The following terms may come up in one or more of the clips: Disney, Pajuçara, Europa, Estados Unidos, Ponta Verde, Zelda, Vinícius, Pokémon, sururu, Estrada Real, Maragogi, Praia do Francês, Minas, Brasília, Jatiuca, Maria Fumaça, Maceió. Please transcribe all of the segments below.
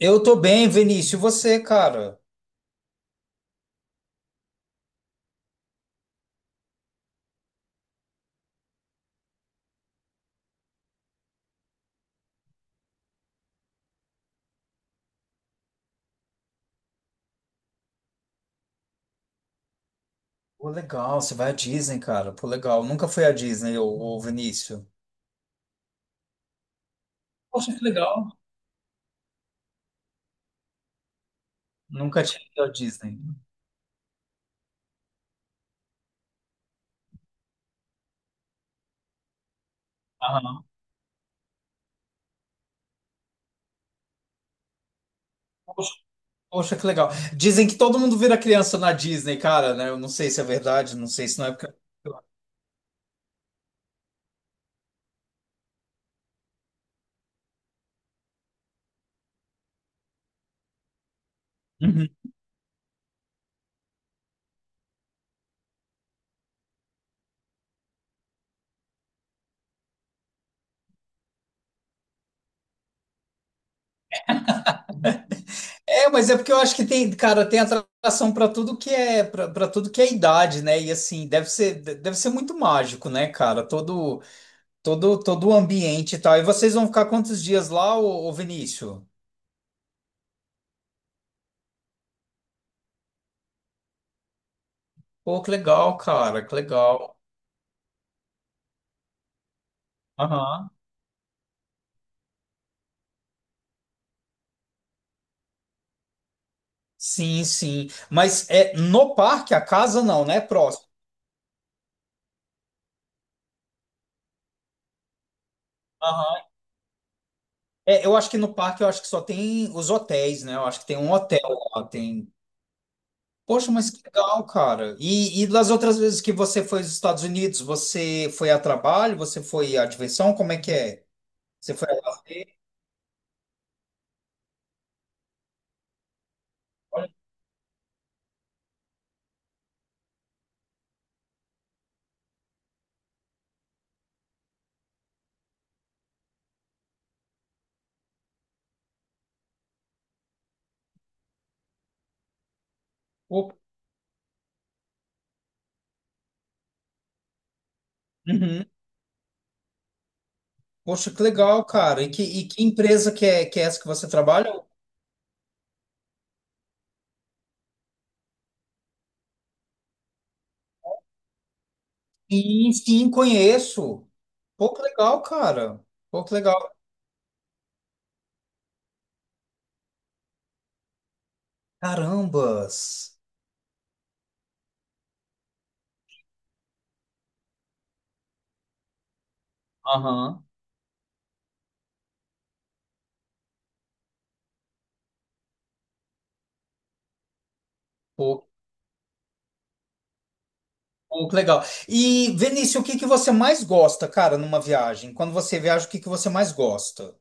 Eu tô bem, Vinícius. E você, cara? Pô, legal. Você vai à Disney, cara. Pô, legal. Nunca fui à Disney, ô Vinícius. Poxa, que legal. Nunca tinha ido à Disney. Aham. Poxa, Poxa, que legal. Dizem que todo mundo vira criança na Disney, cara, né? Eu não sei se é verdade, não sei se não é porque. Uhum. É, mas é porque eu acho que tem, cara, tem atração pra tudo que é, para tudo que é idade, né? E assim, deve ser, deve ser muito mágico, né, cara? Todo, todo o ambiente e tal. E vocês vão ficar quantos dias lá, ô Vinícius? Pô, que legal, cara, que legal. Aham. Sim, sim. Mas é no parque, a casa não, né? Próximo. Aham. É, eu acho que no parque eu acho que só tem os hotéis, né? Eu acho que tem um hotel lá, tem. Poxa, mas que legal, cara. E das outras vezes que você foi aos Estados Unidos, você foi a trabalho, você foi à diversão? Como é que é? Você foi a lazer? Olha, pô, uhum. Poxa, que legal, cara. E que empresa que é essa que você trabalha? Sim, sim, conheço. Pô, que legal, cara. Pô, que legal. Carambas. Aham. Pô, pô, que legal. E, Vinícius, o que que você mais gosta, cara, numa viagem? Quando você viaja, o que que você mais gosta?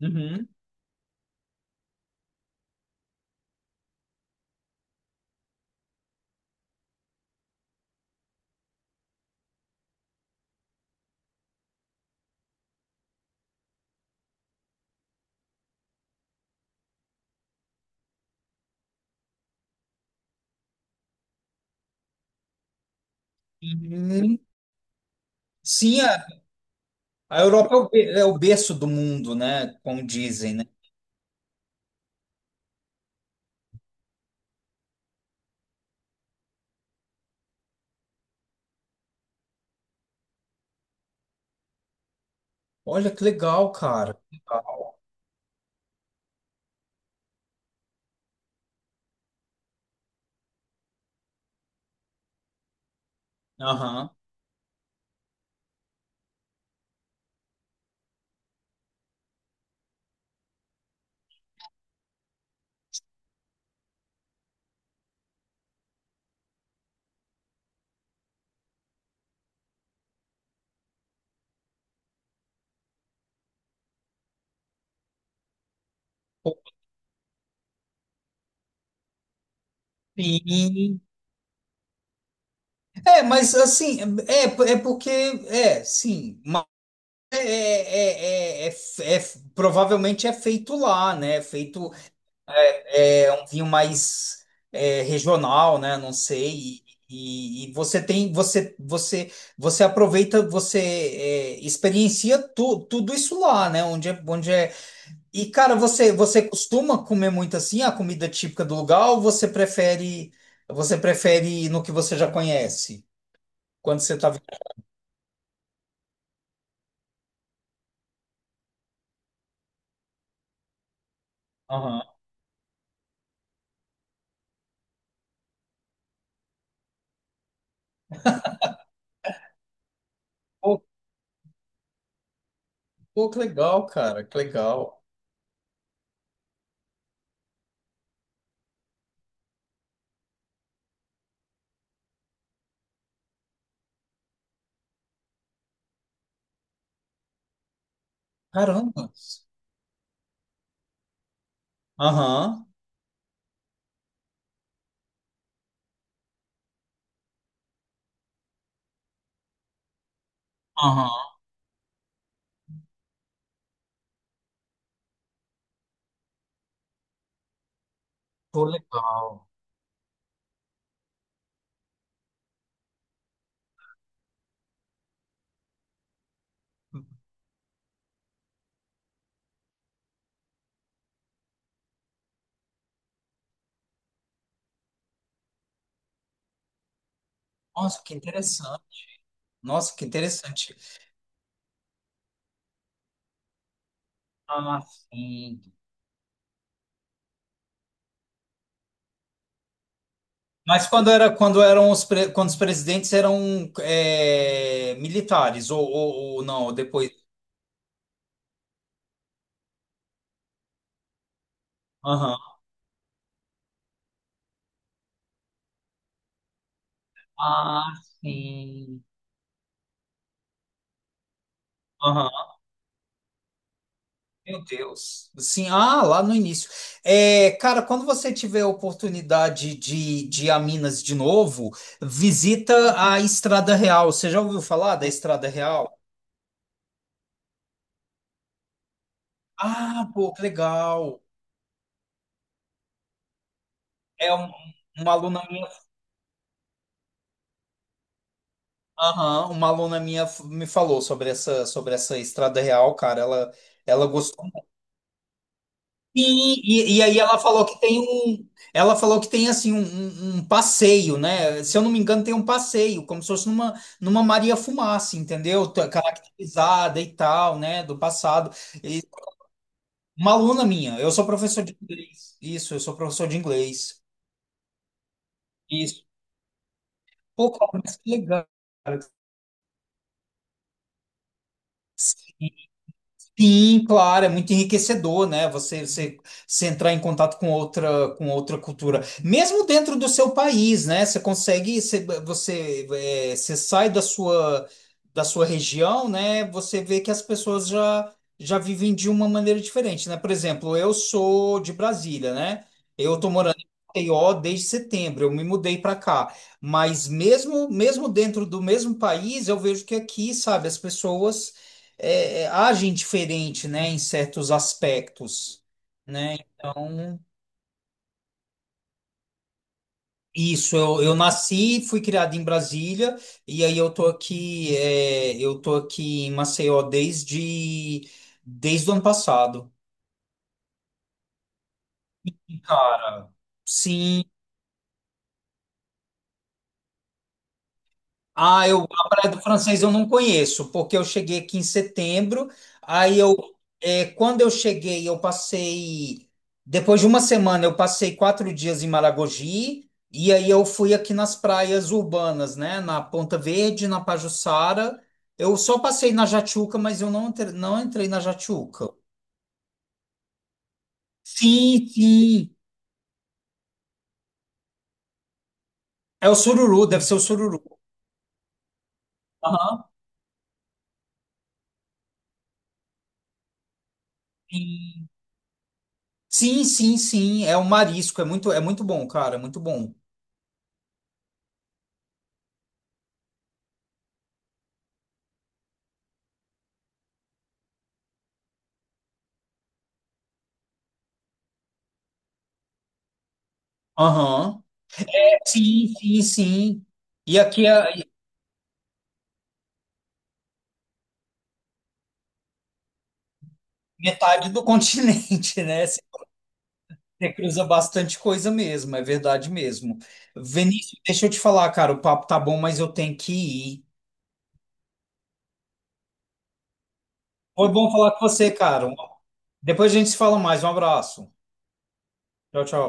Uhum. Hum, sim, a Europa é o, é o berço do mundo, né? Como dizem, né? Olha que legal, cara. Aham. Sim. É, mas assim, é, é porque, é, sim. É, provavelmente é feito lá, né? É feito é, um vinho mais é, regional, né? Não sei. E você tem, você, você aproveita, você é, experiencia tudo isso lá, né? Onde é, onde é. E cara, você costuma comer muito assim a comida típica do lugar ou você prefere no que você já conhece? Quando você tá. Aham. Pô, pô, que legal, cara, que legal. Caramba. Aham. Aham, pô, legal. Nossa, que interessante. Nossa, que interessante. Ah, sim. Mas quando era quando eram os quando os presidentes eram é, militares ou não depois. Aham. Ah, sim. Aham, meu Deus. Sim, ah, lá no início. É, cara, quando você tiver a oportunidade de ir a Minas de novo, visita a Estrada Real. Você já ouviu falar da Estrada Real? Ah, pô, que legal. É um- uma aluna minha, aham, uma aluna minha me falou sobre essa Estrada Real, cara. Ela gostou muito. E aí ela falou que tem um, ela falou que tem assim um, um passeio, né? Se eu não me engano, tem um passeio, como se fosse numa Maria Fumaça, entendeu? Tá caracterizada e tal, né? Do passado. E uma aluna minha. Eu sou professor de inglês. Isso, eu sou professor de inglês. Isso. Pô, cara, mas que legal. Sim, claro, é muito enriquecedor, né? Você, você entrar em contato com outra cultura, mesmo dentro do seu país, né? Você consegue, você, é, você sai da sua região, né? Você vê que as pessoas já, já vivem de uma maneira diferente, né? Por exemplo, eu sou de Brasília, né? Eu tô morando em Maceió desde setembro, eu me mudei para cá, mas mesmo, mesmo dentro do mesmo país, eu vejo que aqui, sabe, as pessoas é, é, agem diferente, né, em certos aspectos, né? Então, isso, eu nasci, fui criado em Brasília, e aí eu tô aqui, é, eu tô aqui em Maceió desde, desde o ano passado. Cara, sim, Ah, eu, a Praia do Francês eu não conheço, porque eu cheguei aqui em setembro, aí eu, é, quando eu cheguei, eu passei, depois de uma semana, eu passei 4 dias em Maragogi, e aí eu fui aqui nas praias urbanas, né, na Ponta Verde, na Pajuçara, eu só passei na Jatiuca, mas eu não, não entrei na Jatiuca. Sim, sim, é o sururu, deve ser o sururu. Aham. Sim, sim, sim, é o marisco, é muito bom, cara, é muito bom. Aham. Sim, sim, sim. E aqui é metade do continente, né? Você cruza bastante coisa mesmo, é verdade mesmo. Vinícius, deixa eu te falar, cara, o papo tá bom, mas eu tenho que ir. Foi bom falar com você, cara. Depois a gente se fala mais. Um abraço. Tchau, tchau.